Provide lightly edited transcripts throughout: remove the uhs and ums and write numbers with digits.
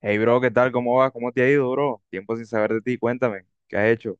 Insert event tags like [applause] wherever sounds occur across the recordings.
Hey bro, ¿qué tal? ¿Cómo vas? ¿Cómo te ha ido, bro? Tiempo sin saber de ti, cuéntame, ¿qué has hecho?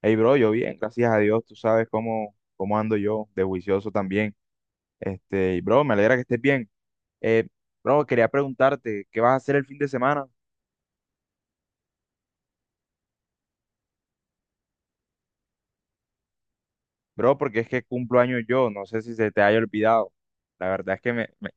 Hey bro, yo bien, gracias a Dios, tú sabes cómo ando yo, de juicioso también. Y bro, me alegra que estés bien. Eh, Bro, quería preguntarte, ¿qué vas a hacer el fin de semana? Bro, porque es que cumplo años yo, no sé si se te haya olvidado. La verdad es que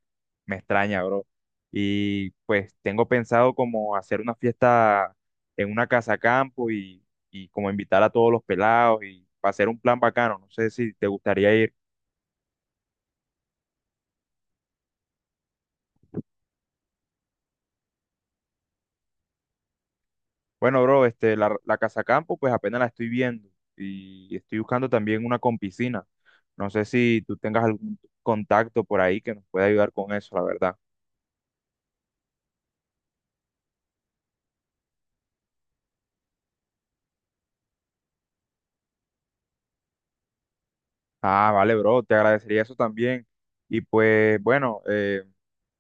me extraña, bro. Y pues tengo pensado como hacer una fiesta en una casa campo y como invitar a todos los pelados y para hacer un plan bacano. No sé si te gustaría ir. Bueno, bro, la casa campo pues apenas la estoy viendo y estoy buscando también una con piscina. No sé si tú tengas algún contacto por ahí que nos pueda ayudar con eso, la verdad. Ah, vale, bro, te agradecería eso también. Y pues bueno,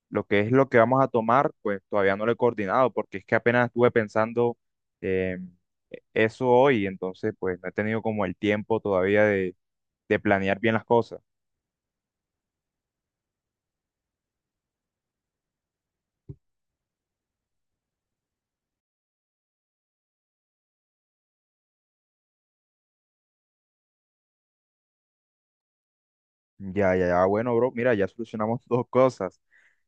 lo que es lo que vamos a tomar, pues todavía no lo he coordinado porque es que apenas estuve pensando eh, eso hoy, entonces pues no he tenido como el tiempo todavía de planear bien las cosas. Ya, ya, ya, bueno, bro, mira, ya solucionamos [laughs] dos cosas.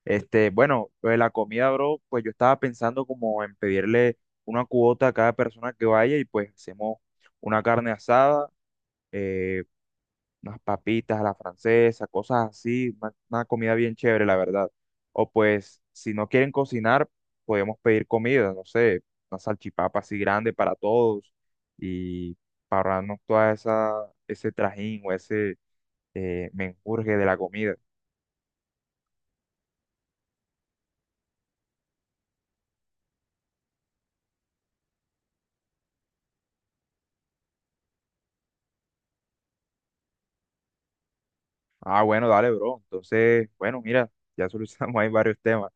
Bueno, lo de la comida, bro, pues yo estaba pensando como en pedirle una cuota a cada persona que vaya y pues hacemos una carne asada. eh, Unas papitas a la francesa, cosas así, una comida bien chévere, la verdad. O pues, si no quieren cocinar, podemos pedir comida, no sé, una salchipapa así grande para todos y para ahorrarnos toda esa, ese trajín o ese menjurje de la comida. Ah, bueno, dale, bro. Entonces, bueno, mira, ya [laughs] solucionamos ahí varios temas.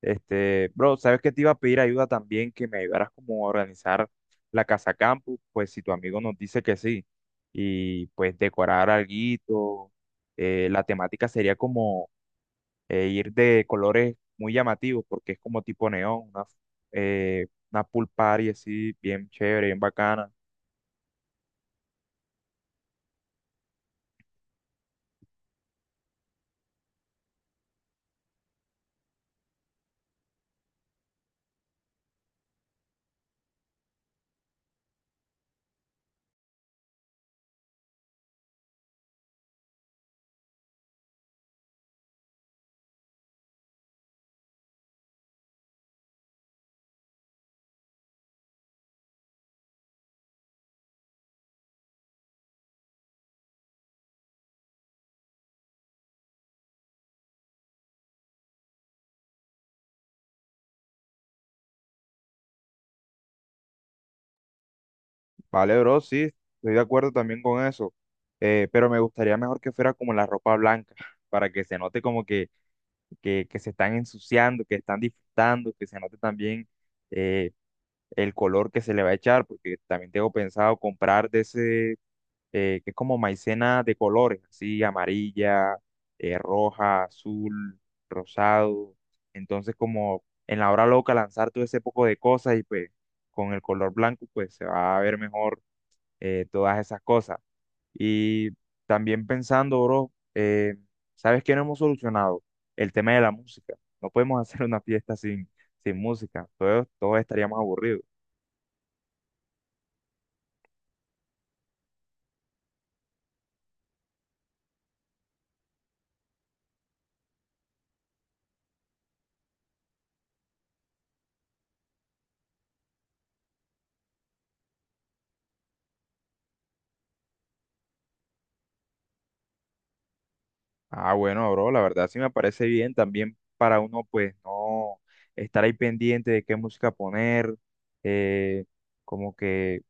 Bro, sabes que te iba a pedir ayuda también, que me ayudaras como a organizar la casa campus, pues si tu amigo nos dice que sí, y pues decorar alguito, la temática sería como ir de colores muy llamativos, porque es como tipo neón, eh, una pool party así, bien chévere, bien bacana. Vale, bro, sí, estoy de acuerdo también con eso, pero me gustaría mejor que fuera como la ropa blanca, [laughs] para que se note como que se están ensuciando, que están disfrutando, que se note también eh, el color que se le va a echar, porque también tengo pensado comprar de ese, que es como maicena de colores, así amarilla, roja, azul, rosado. Entonces, como en la hora loca lanzar todo ese poco de cosas y pues con el color blanco, pues se va a ver mejor todas esas cosas. Y también pensando, bro, ¿sabes qué no hemos solucionado? El tema de la música. No podemos [laughs] hacer una fiesta sin música. Todos estaríamos aburridos. Ah, bueno, bro, la verdad sí me parece bien también para uno, pues, no estar ahí pendiente de qué música poner, eh, como que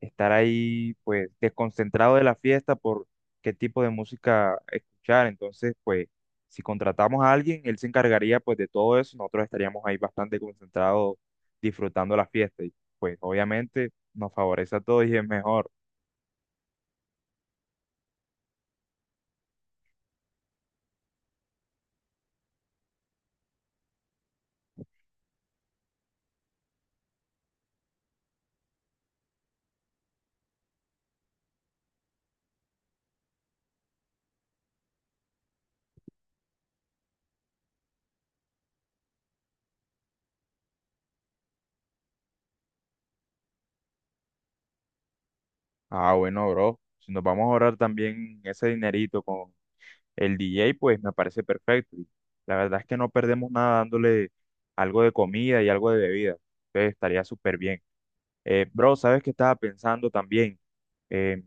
estar ahí pues desconcentrado de la fiesta por qué tipo de música escuchar. Entonces, pues si contratamos a alguien, él se encargaría pues de todo eso, nosotros estaríamos ahí bastante concentrados disfrutando la fiesta y pues obviamente nos favorece a todos y es mejor. Ah, bueno, bro, si nos vamos a ahorrar también ese dinerito con el DJ, pues me parece perfecto. Y la verdad es que no perdemos nada dándole algo de comida y algo de bebida. Entonces estaría súper bien. Bro, ¿sabes qué estaba pensando también? Eh,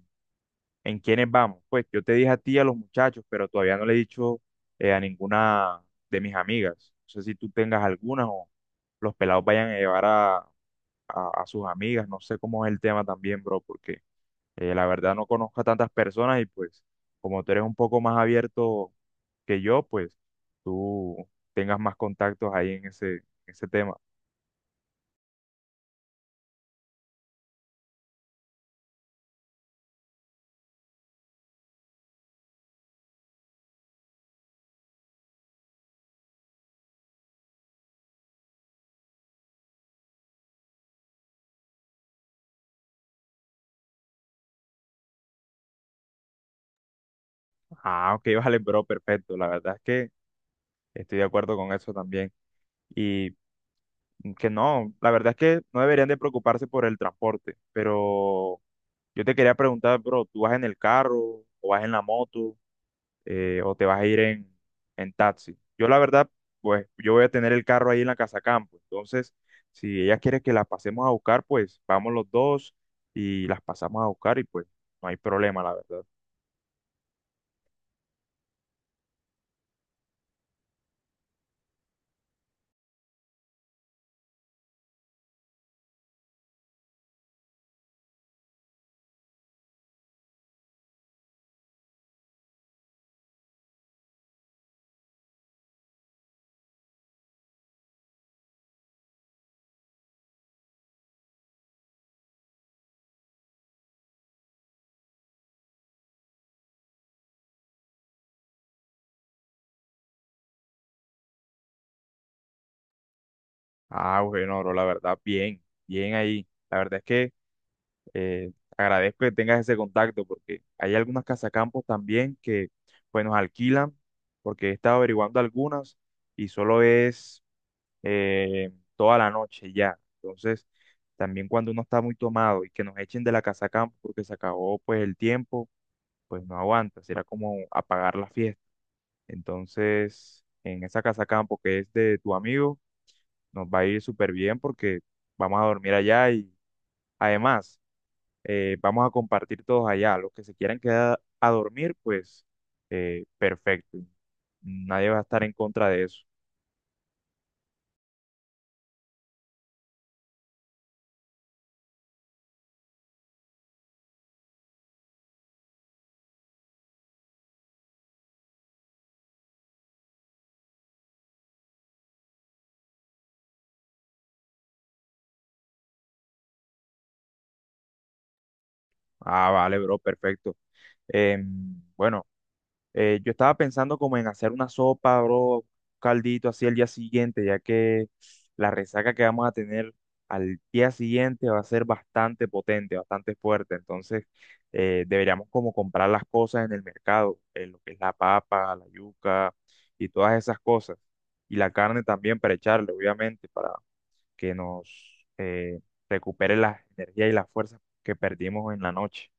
¿En quiénes vamos? Pues yo te dije a ti y a los muchachos, pero todavía no le he dicho a ninguna de mis amigas. No sé si tú tengas algunas o los pelados vayan a llevar a sus amigas. No sé cómo es el tema también, bro, porque la verdad no conozco a tantas personas y pues como tú eres un poco más abierto que yo, pues tú tengas más contactos ahí en ese, ese tema. Ah, ok, [laughs] vale, bro, perfecto. La verdad es que estoy de acuerdo con eso también. Y que no, la verdad es que no deberían de preocuparse por el transporte, pero yo te quería preguntar, bro, ¿tú vas en el carro o vas en la moto o te vas a ir en taxi? Yo la verdad, pues yo voy a tener el carro ahí en la casa campo, entonces si ella quiere que las pasemos a buscar, pues vamos los dos y las pasamos a buscar y pues no hay problema, la verdad. Ah, bueno, bro, la verdad, bien, bien ahí. La verdad es que... Eh, Agradezco que tengas ese contacto porque hay algunas casacampos también que pues nos alquilan porque he estado averiguando algunas y solo es toda la noche ya. Entonces, también cuando uno está muy tomado y que nos echen de la casacampo porque se acabó pues el tiempo, pues no aguanta, será como apagar la fiesta. Entonces, en esa casacampo que es de tu amigo, nos va a ir súper bien porque vamos a dormir allá y además vamos a compartir todos allá. Los que se quieran quedar a dormir, pues perfecto. Nadie va a estar en contra de eso. Ah, vale, bro, perfecto. Em, bueno. Yo estaba pensando como en hacer una sopa, bro, un caldito así al día siguiente, ya que la resaca que vamos a tener al día siguiente va a ser bastante potente, bastante fuerte. Entonces, deberíamos como comprar las cosas en el mercado, lo que es la papa, la yuca y todas esas cosas. Y la carne también para echarle, obviamente, para que nos recupere las energías y las fuerzas que perdimos en la noche.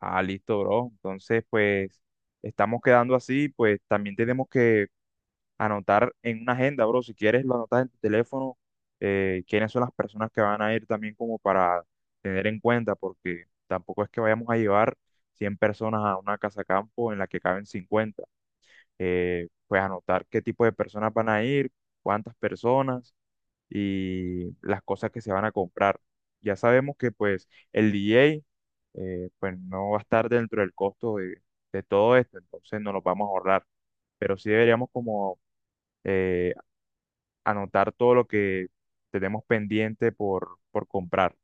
Ah, listo, bro. Entonces, pues, estamos quedando así, pues también tenemos que anotar en una agenda, bro. Si quieres, lo anotas en tu teléfono, quiénes son las personas que van a ir también como para tener en cuenta, porque tampoco es que vayamos a llevar 100 personas a una casa campo en la que caben 50. Pues anotar qué tipo de personas van a ir, cuántas personas y las cosas que se van a comprar. Ya sabemos que pues el DJ pues no va a estar dentro del costo de todo esto, entonces no los vamos a ahorrar, pero sí deberíamos como eh, anotar todo lo que tenemos pendiente por comprar.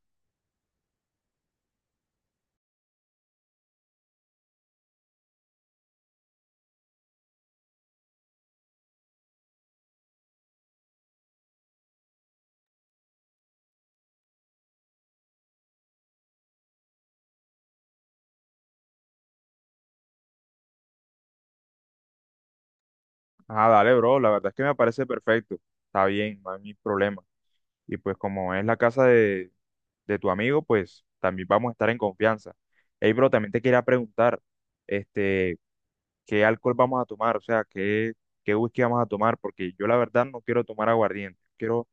Ah, dale, bro, la verdad es que me parece perfecto, está bien, no hay ningún problema. Y pues como es la casa de tu amigo, pues también vamos a estar en confianza. Hey, bro, también te quería preguntar, este, qué alcohol vamos a tomar, o sea, qué whisky vamos a tomar, porque yo la verdad no quiero tomar aguardiente, quiero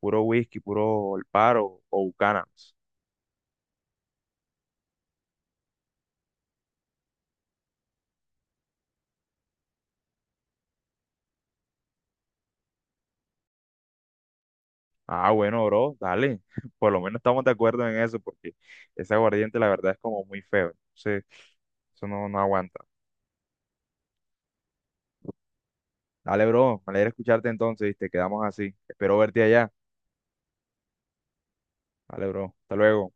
puro whisky, puro El Paro o Buchanan's. Ah, bueno, bro, dale, [laughs] por lo menos estamos de acuerdo en eso, porque ese aguardiente la verdad es como muy feo, entonces eso no, no aguanta. Dale, bro, me alegra escucharte entonces, te quedamos así, espero verte allá. Dale, bro, hasta luego.